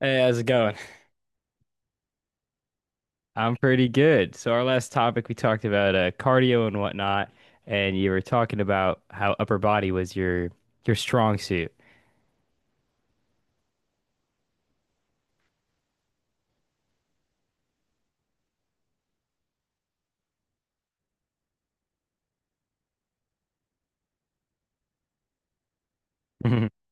Hey, how's it going? I'm pretty good. So our last topic we talked about cardio and whatnot, and you were talking about how upper body was your strong suit.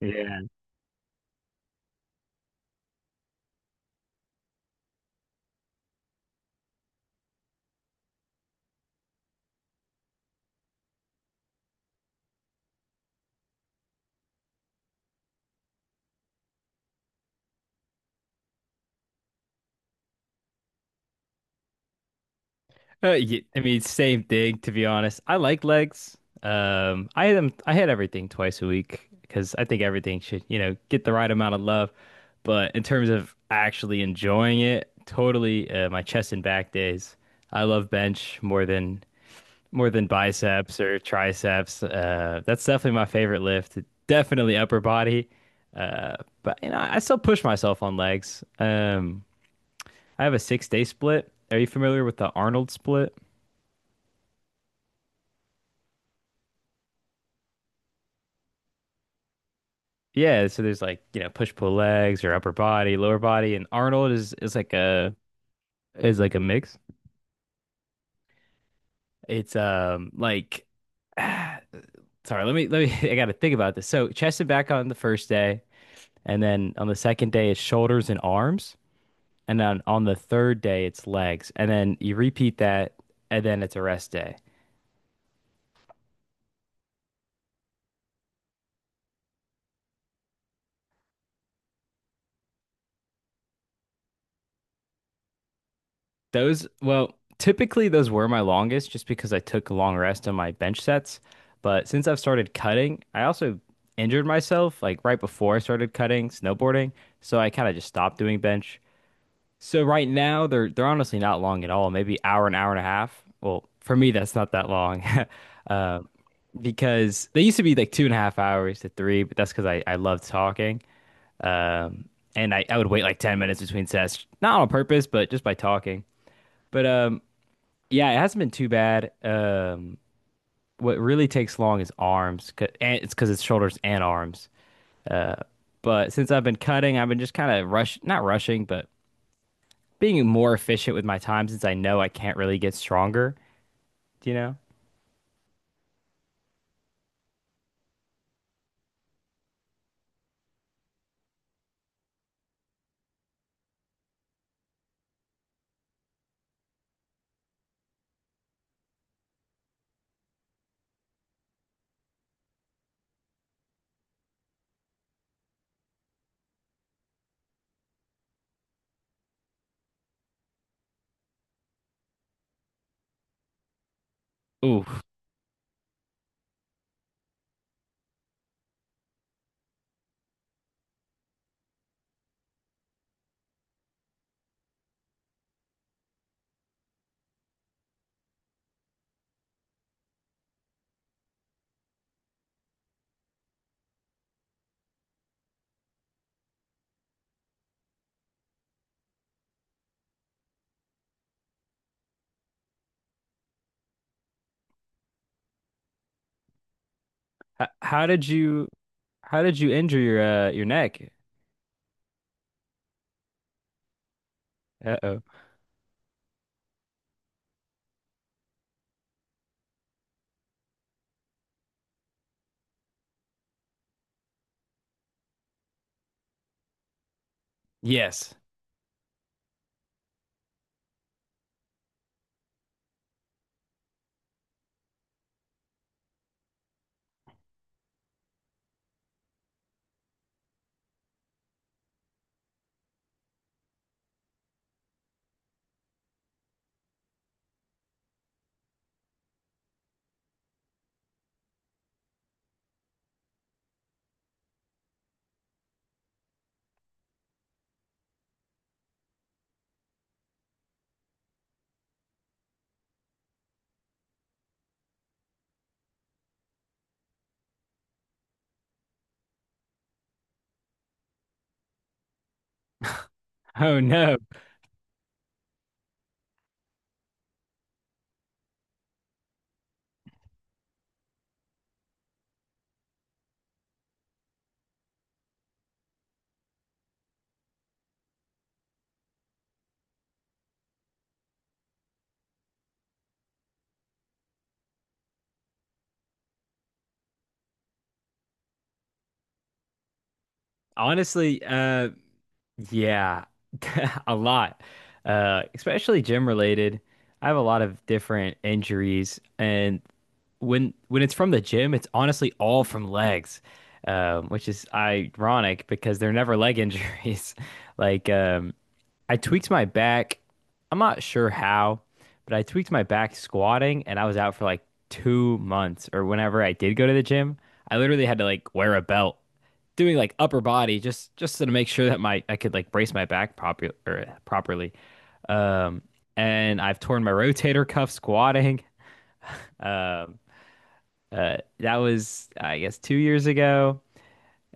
Yeah. I mean, same thing to be honest. I like legs. I had them, I had everything twice a week because I think everything should, you know, get the right amount of love. But in terms of actually enjoying it, totally my chest and back days. I love bench more than biceps or triceps. That's definitely my favorite lift. Definitely upper body. Uh, but you know, I still push myself on legs. I have a 6 day split. Are you familiar with the Arnold split? Yeah, so there's like, you know, push pull legs or upper body, lower body, and Arnold is like a mix. It's like sorry, let me I gotta think about this. So chest and back on the first day, and then on the second day it's shoulders and arms. And then on the third day, it's legs. And then you repeat that, and then it's a rest day. Those, well, typically those were my longest just because I took a long rest on my bench sets. But since I've started cutting, I also injured myself like right before I started cutting snowboarding. So I kind of just stopped doing bench. So right now they're honestly not long at all. Maybe hour an hour and a half. Well, for me that's not that long. Uh, because they used to be like two and a half hours to three, but that's because I love talking. Um, and I would wait like 10 minutes between sets, not on purpose, but just by talking. But yeah, it hasn't been too bad. What really takes long is arms, 'cause- and it's because it's shoulders and arms. Uh, but since I've been cutting, I've been just kind of rush, not rushing, but being more efficient with my time since I know I can't really get stronger, do you know? Ooh, H- how did you, how did you injure your neck? Uh-oh. Yes. Oh no. Honestly, yeah, a lot. Especially gym related. I have a lot of different injuries, and when it's from the gym, it's honestly all from legs, which is ironic because they're never leg injuries. Like I tweaked my back. I'm not sure how, but I tweaked my back squatting, and I was out for like 2 months. Or whenever I did go to the gym, I literally had to like wear a belt, doing like upper body just to make sure that my I could like brace my back proper or properly. Um, and I've torn my rotator cuff squatting. Um, that was, I guess, 2 years ago.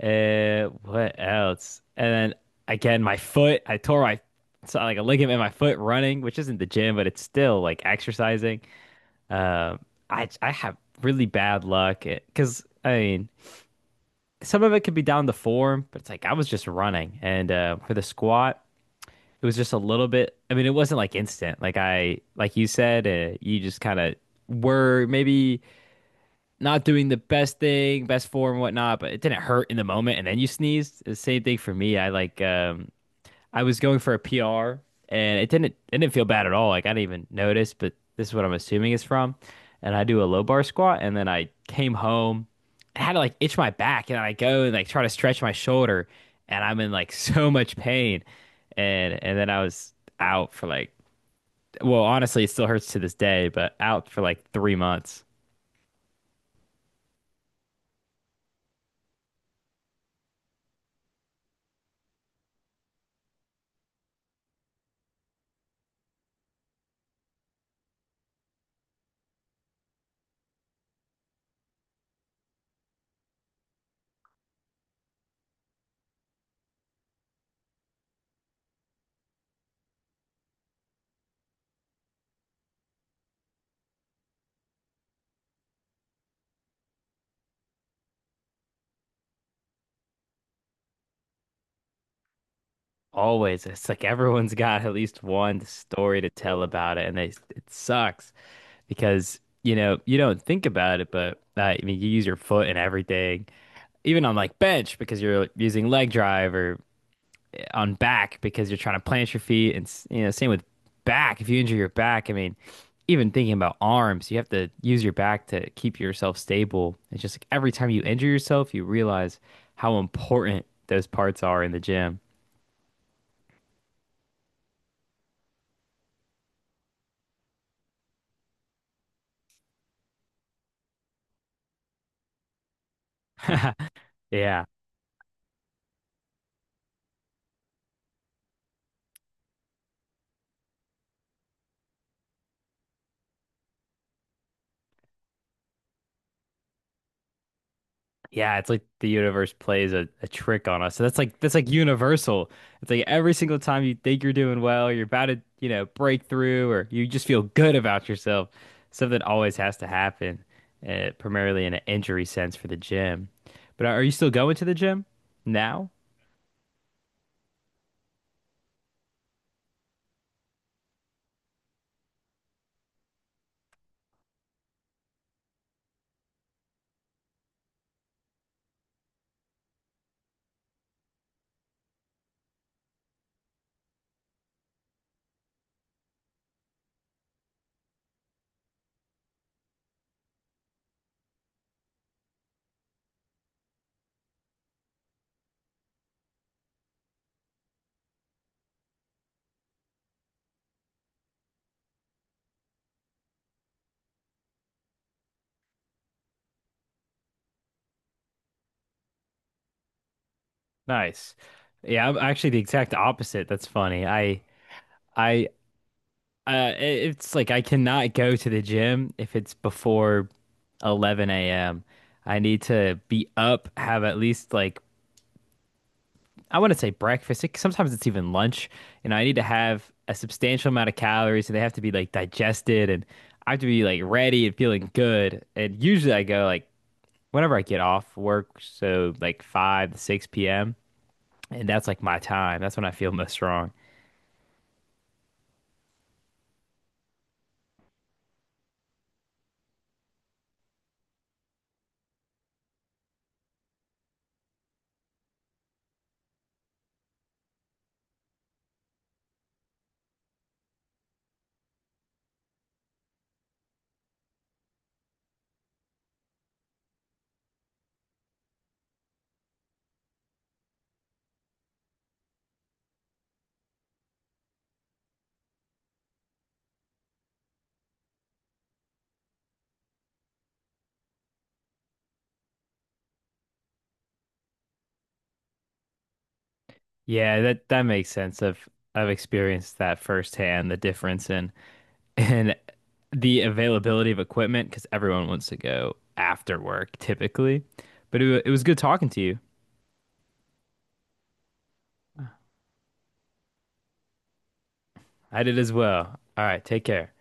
What else? And then again, my foot. I tore my so like a ligament in my foot running, which isn't the gym, but it's still like exercising. Um, I have really bad luck because I mean, some of it could be down to form, but it's like I was just running, and for the squat, it was just a little bit. I mean, it wasn't like instant. Like you said, you just kind of were maybe not doing the best thing, best form, and whatnot, but it didn't hurt in the moment. And then you sneezed. The same thing for me. I like I was going for a PR and it didn't feel bad at all. Like I didn't even notice, but this is what I'm assuming it's from. And I do a low bar squat and then I came home. I had to like itch my back and I go and like try to stretch my shoulder and I'm in like so much pain. And then I was out for like well, honestly, it still hurts to this day, but out for like 3 months. Always. It's like everyone's got at least one story to tell about it, and they, it sucks because, you know, you don't think about it, but I mean, you use your foot and everything, even on like bench because you're using leg drive or eh, on back because you're trying to plant your feet. You know, same with back. If you injure your back, I mean, even thinking about arms, you have to use your back to keep yourself stable. It's just like every time you injure yourself, you realize how important those parts are in the gym. Yeah. Yeah, it's like the universe plays a trick on us. So that's like universal. It's like every single time you think you're doing well, you're about to, you know, break through or you just feel good about yourself. Something always has to happen, primarily in an injury sense for the gym. But are you still going to the gym now? Nice. Yeah, I'm actually the exact opposite. That's funny. I Uh, it- it's like I cannot go to the gym if it's before 11 a.m. I need to be up, have at least like I want to say breakfast. It, sometimes it's even lunch. You know, I need to have a substantial amount of calories, and they have to be like digested, and I have to be like ready and feeling good. And usually I go like whenever I get off work, so like 5 to 6 p.m. And that's like my time. That's when I feel most strong. Yeah, that makes sense. I've experienced that firsthand, the difference in and the availability of equipment because everyone wants to go after work typically. But it was good talking to you. I did as well. All right, take care.